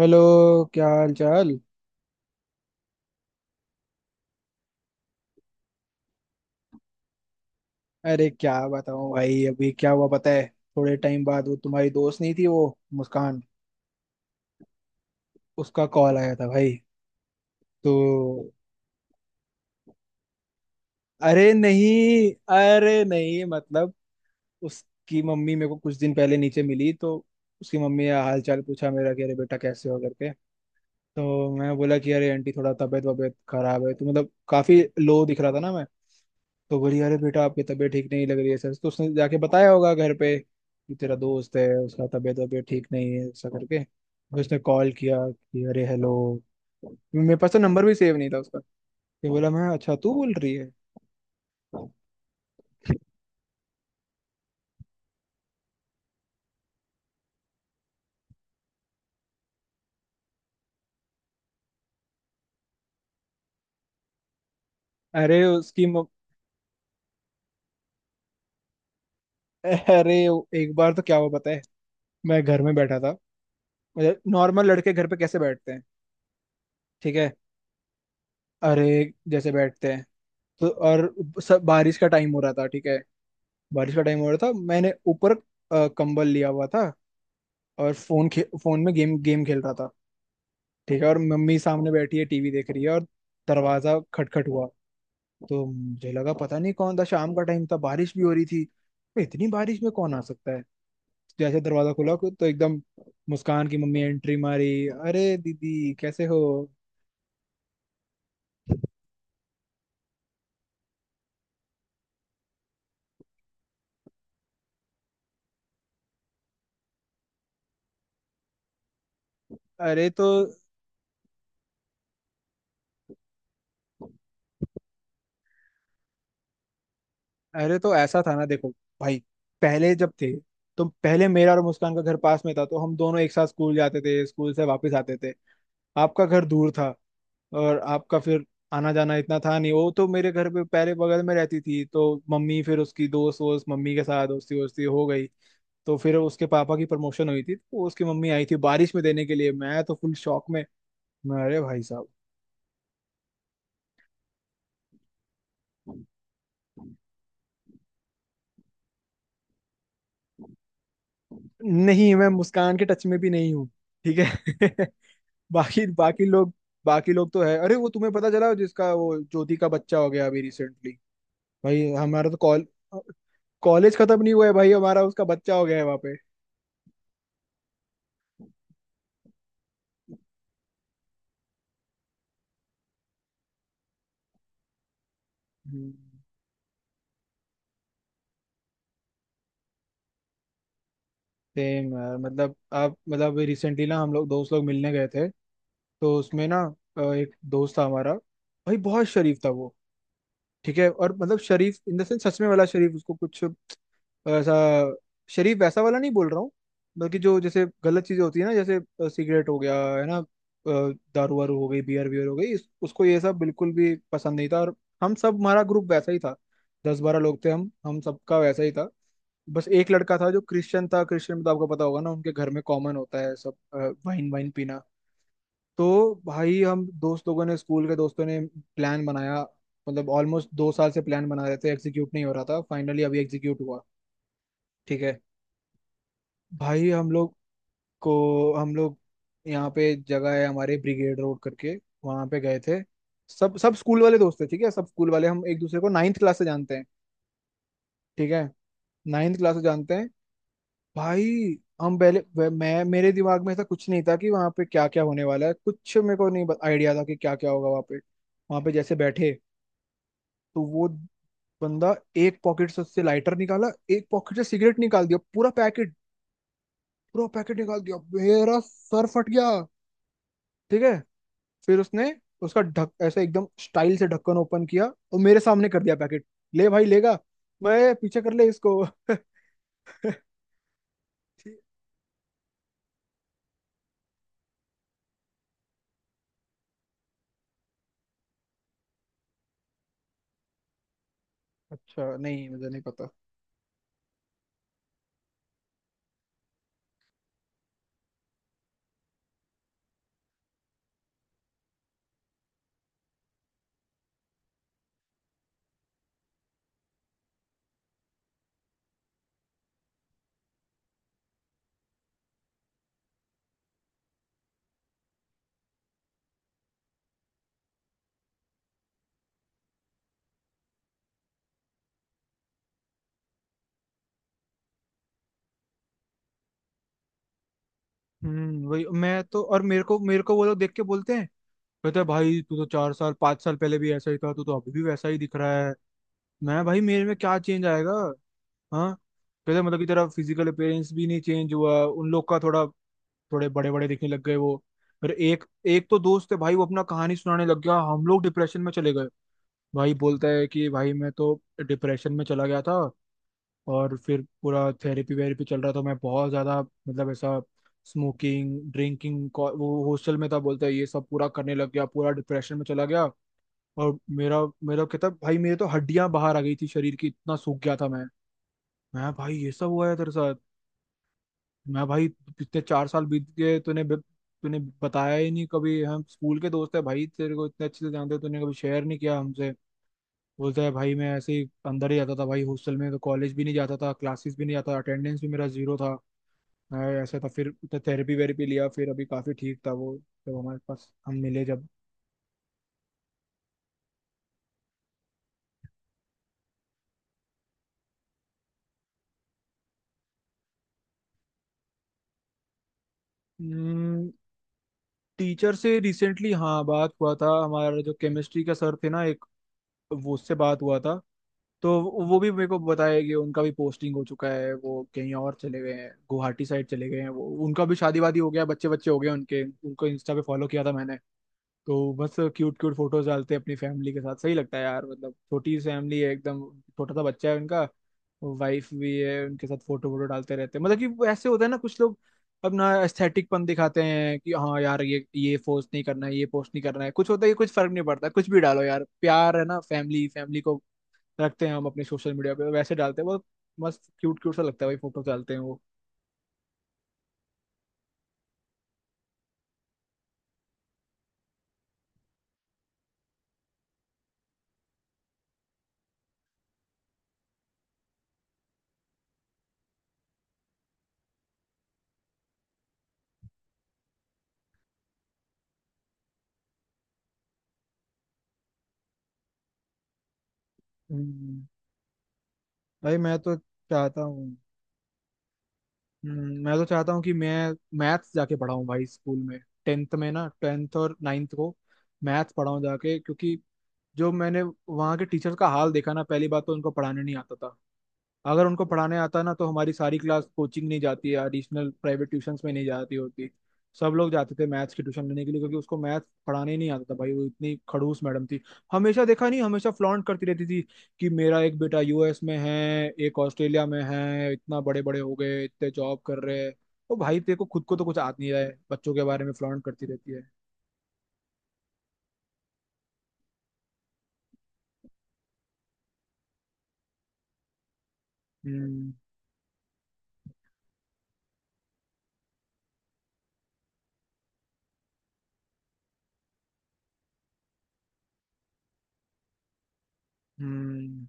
Hello. क्या हाल चाल। अरे क्या बताऊं भाई, अभी क्या हुआ पता है? थोड़े टाइम बाद वो तुम्हारी दोस्त नहीं थी वो, मुस्कान, उसका कॉल आया था भाई। तो अरे नहीं, अरे नहीं, मतलब उसकी मम्मी मेरे को कुछ दिन पहले नीचे मिली तो उसकी मम्मी का हाल चाल पूछा मेरा कि अरे बेटा कैसे हो करके। तो मैं बोला कि अरे आंटी थोड़ा तबीयत वबीयत खराब है, तो मतलब काफी लो दिख रहा था ना मैं। तो बोली अरे बेटा आपकी तबीयत ठीक नहीं लग रही है सर, तो उसने जाके बताया होगा घर पे कि तेरा दोस्त है उसका तबीयत वबीयत ठीक नहीं है, ऐसा करके फिर उसने कॉल किया कि अरे हेलो। मेरे पास तो नंबर भी सेव नहीं था उसका। ये बोला मैं, अच्छा तू बोल रही है। अरे उसकी म... अरे एक बार तो क्या हुआ पता है, मैं घर में बैठा था। मतलब नॉर्मल लड़के घर पे कैसे बैठते हैं, ठीक है। अरे जैसे बैठते हैं। तो और सब बारिश का टाइम हो रहा था, ठीक है। बारिश का टाइम हो रहा था, मैंने ऊपर कंबल लिया हुआ था। और फोन में गेम गेम खेल रहा था। ठीक है, और मम्मी सामने बैठी है टीवी देख रही है, और दरवाजा खटखट हुआ। तो मुझे लगा पता नहीं कौन था, शाम का टाइम था बारिश भी हो रही थी तो इतनी बारिश में कौन आ सकता है। जैसे दरवाजा खुला तो एकदम मुस्कान की मम्मी एंट्री मारी, अरे दीदी कैसे हो। अरे तो, अरे तो ऐसा था ना देखो भाई, पहले जब थे तो पहले मेरा और मुस्कान का घर पास में था तो हम दोनों एक साथ स्कूल जाते थे, स्कूल से वापस आते थे। आपका घर दूर था और आपका फिर आना जाना इतना था नहीं। वो तो मेरे घर पे पहले बगल में रहती थी तो मम्मी फिर उसकी दोस्त वोस्त, मम्मी के साथ दोस्ती वोस्ती हो गई। तो फिर उसके पापा की प्रमोशन हुई थी तो उसकी मम्मी आई थी बारिश में देने के लिए, मैं तो फुल शॉक में। अरे भाई साहब। नहीं, मैं मुस्कान के टच में भी नहीं हूँ, ठीक है। बाकी बाकी लोग, बाकी लोग तो है। अरे वो तुम्हें पता चला जिसका वो ज्योति का बच्चा हो गया अभी रिसेंटली। भाई हमारा तो कॉल कॉलेज खत्म नहीं हुआ है भाई हमारा, उसका बच्चा हो गया है वहां पे। सेम यार, मतलब आप मतलब रिसेंटली ना हम लोग दोस्त लोग मिलने गए थे। तो उसमें ना एक दोस्त था हमारा, भाई बहुत शरीफ था वो, ठीक है। और मतलब शरीफ इन द सेंस, सच में वाला शरीफ, उसको कुछ ऐसा शरीफ वैसा वाला नहीं बोल रहा हूँ। बल्कि जो जैसे गलत चीजें होती है ना, जैसे सिगरेट हो गया है ना, दारू वारू हो गई, बियर वियर हो गई, उसको ये सब बिल्कुल भी पसंद नहीं था। और हम सब, हमारा ग्रुप वैसा ही था, 10-12 लोग थे हम, सबका वैसा ही था। बस एक लड़का था जो क्रिश्चियन था, क्रिश्चियन में तो आपको पता होगा ना उनके घर में कॉमन होता है सब, वाइन वाइन पीना। तो भाई हम दोस्त लोगों ने, स्कूल के दोस्तों ने प्लान बनाया। मतलब ऑलमोस्ट 2 साल से प्लान बना रहे थे, एग्जीक्यूट नहीं हो रहा था, फाइनली अभी एग्जीक्यूट हुआ, ठीक है। भाई हम लोग को हम लोग यहाँ पे एक जगह है हमारे, ब्रिगेड रोड करके, वहां पे गए थे। सब सब स्कूल वाले दोस्त थे, ठीक है, सब स्कूल वाले। हम एक दूसरे को नाइन्थ क्लास से जानते हैं, ठीक है, नाइन्थ क्लास से जानते हैं भाई। मैं, मेरे दिमाग में ऐसा कुछ नहीं था कि वहाँ पे क्या क्या होने वाला है, कुछ मेरे को नहीं आइडिया था कि क्या क्या होगा वहाँ पे। वहाँ पे जैसे बैठे तो वो बंदा एक पॉकेट से उससे लाइटर निकाला, एक पॉकेट से सिगरेट निकाल दिया पूरा पैकेट, पूरा पैकेट निकाल दिया, मेरा सर फट गया, ठीक है। फिर उसने उसका ढक ऐसे एकदम स्टाइल से ढक्कन ओपन किया, और मेरे सामने कर दिया पैकेट, ले भाई लेगा। मैं, पीछे कर ले इसको। अच्छा नहीं मुझे नहीं पता। हम्म, वही। मैं तो, और मेरे को, मेरे को वो लोग देख के बोलते हैं, कहते हैं भाई तू तो 4 साल 5 साल पहले भी ऐसा ही था, तू तो अभी भी वैसा ही दिख रहा है। मैं, भाई मेरे में क्या चेंज आएगा। हाँ, कहते हैं, मतलब की तरह फिजिकल अपीयरेंस भी नहीं चेंज हुआ उन लोग का थोड़ा, थोड़े बड़े बड़े दिखने लग गए वो। फिर एक एक तो दोस्त है भाई, वो अपना कहानी सुनाने लग गया, हम लोग डिप्रेशन में चले गए। भाई बोलता है कि भाई मैं तो डिप्रेशन में चला गया था, और फिर पूरा थेरेपी वेरेपी चल रहा था, मैं बहुत ज़्यादा मतलब ऐसा, स्मोकिंग ड्रिंकिंग, वो हॉस्टल में था, बोलता है ये सब पूरा करने लग गया, पूरा डिप्रेशन में चला गया। और मेरा मेरा कहता है, भाई मेरे तो हड्डियां बाहर आ गई थी, शरीर की इतना सूख गया था मैं। मैं, भाई ये सब हुआ है तेरे साथ। मैं, भाई इतने 4 साल बीत गए, तूने बताया ही नहीं कभी, हम स्कूल के दोस्त है भाई, तेरे को इतने अच्छे से जानते हैं, तूने कभी शेयर नहीं किया हमसे। बोलता है भाई मैं ऐसे ही अंदर ही जाता था भाई, हॉस्टल में तो कॉलेज भी नहीं जाता था, क्लासेस भी नहीं जाता, अटेंडेंस भी मेरा जीरो था, मैं ऐसा था। फिर थेरेपी वेरेपी लिया, फिर अभी काफी ठीक था वो, जब हमारे पास हम मिले जब। टीचर से रिसेंटली हाँ बात हुआ था हमारा, जो केमिस्ट्री का सर थे ना एक, वो, उससे बात हुआ था। तो वो भी मेरे को बताया कि उनका भी पोस्टिंग हो चुका है, वो कहीं और चले गए हैं, गुवाहाटी साइड चले गए हैं वो। उनका भी शादी वादी हो गया, बच्चे बच्चे हो गए उनके, उनको इंस्टा पे फॉलो किया था मैंने। तो बस क्यूट क्यूट फोटोज डालते हैं अपनी फैमिली के साथ, सही लगता है यार, मतलब छोटी सी फैमिली है एकदम, छोटा सा बच्चा है उनका, वाइफ भी है उनके साथ, फोटो वोटो डालते रहते हैं। मतलब कि वो ऐसे होता है ना कुछ लोग अपना एस्थेटिकपन दिखाते हैं कि हाँ यार ये पोस्ट नहीं करना है, ये पोस्ट नहीं करना है, कुछ होता है कि कुछ फर्क नहीं पड़ता, कुछ भी डालो यार, प्यार है ना फैमिली, फैमिली को रखते हैं हम अपने सोशल मीडिया पे, वैसे डालते हैं बहुत मस्त, क्यूट क्यूट सा लगता है भाई फोटो डालते हैं वो। हम्म, भाई मैं तो चाहता हूँ, मैं तो चाहता हूँ कि मैं मैथ्स जाके पढ़ाऊँ भाई स्कूल में, टेंथ में ना, टेंथ और नाइन्थ को मैथ्स पढ़ाऊँ जाके। क्योंकि जो मैंने वहाँ के टीचर का हाल देखा ना, पहली बात तो उनको पढ़ाने नहीं आता था। अगर उनको पढ़ाने आता ना, तो हमारी सारी क्लास कोचिंग नहीं जाती है एडिशनल प्राइवेट ट्यूशंस में, नहीं जाती होती। सब लोग जाते थे मैथ्स की ट्यूशन लेने के लिए, क्योंकि उसको मैथ्स पढ़ाने ही नहीं आता था भाई, वो इतनी खड़ूस मैडम थी। हमेशा देखा नहीं, हमेशा फ्लॉन्ट करती रहती थी कि मेरा एक बेटा यूएस में है, एक ऑस्ट्रेलिया में है, इतना बड़े बड़े हो गए, इतने जॉब कर रहे हैं। तो भाई तेरे को खुद को तो कुछ आता नहीं रहा है, बच्चों के बारे में फ्लॉन्ट करती रहती है। हम्म, हम्म,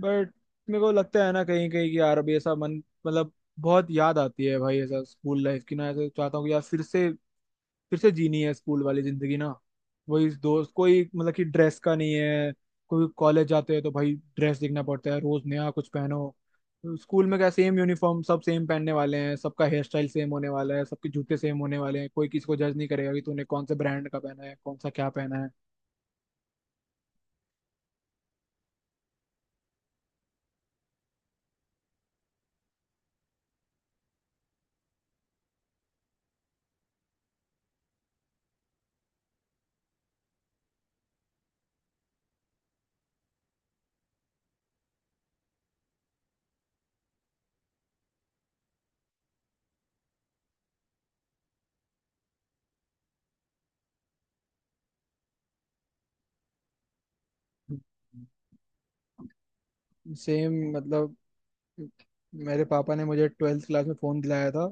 बट मेरे को लगता है ना कहीं कहीं कि यार अभी ऐसा मन, मतलब बहुत याद आती है भाई ऐसा स्कूल लाइफ की ना, ऐसा चाहता हूँ कि यार फिर से, फिर से जीनी है स्कूल वाली जिंदगी ना। वही दोस्त कोई, मतलब कि ड्रेस का नहीं है, कोई कॉलेज जाते हैं तो भाई ड्रेस देखना पड़ता है, रोज नया कुछ पहनो। स्कूल में क्या, सेम यूनिफॉर्म, सब सेम पहनने वाले हैं, सबका हेयर स्टाइल सेम होने वाला है, सबके जूते सेम होने वाले हैं, कोई किसी को जज नहीं करेगा कि तूने कौन से ब्रांड का पहना है, कौन सा क्या पहना है। सेम, मतलब मेरे पापा ने मुझे ट्वेल्थ क्लास में फ़ोन दिलाया था।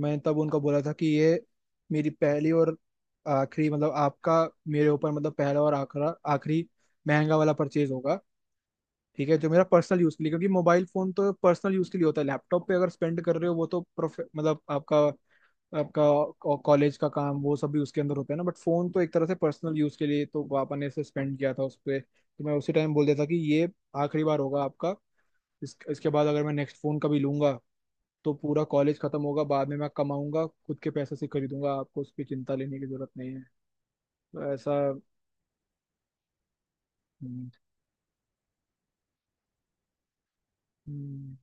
मैंने तब उनको बोला था कि ये मेरी पहली और आखिरी, मतलब आपका मेरे ऊपर, मतलब पहला और आखिरा आखिरी महंगा वाला परचेज होगा, ठीक है, जो मेरा पर्सनल यूज़ के लिए। क्योंकि मोबाइल फ़ोन तो पर्सनल यूज़ के लिए होता है, लैपटॉप पे अगर स्पेंड कर रहे हो वो तो प्रोफे मतलब आपका, आपका कॉलेज का काम वो सब भी उसके अंदर होता है ना। बट फ़ोन तो एक तरह से पर्सनल यूज़ के लिए, तो पापा ने इसे स्पेंड किया था उस पर, तो मैं उसी टाइम बोल देता कि ये आखिरी बार होगा आपका। इसके बाद अगर मैं नेक्स्ट फोन कभी लूंगा, तो पूरा कॉलेज खत्म होगा, बाद में मैं कमाऊंगा खुद के पैसे से खरीदूंगा, आपको उसकी चिंता लेने की जरूरत नहीं है। तो ऐसा। हम्म, हम्म,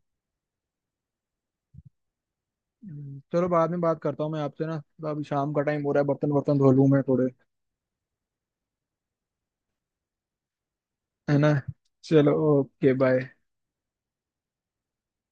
चलो बाद में बात करता हूँ मैं आपसे ना, तो अभी शाम का टाइम हो रहा है, बर्तन बर्तन धो लूँ मैं थोड़े, है ना। चलो, ओके बाय।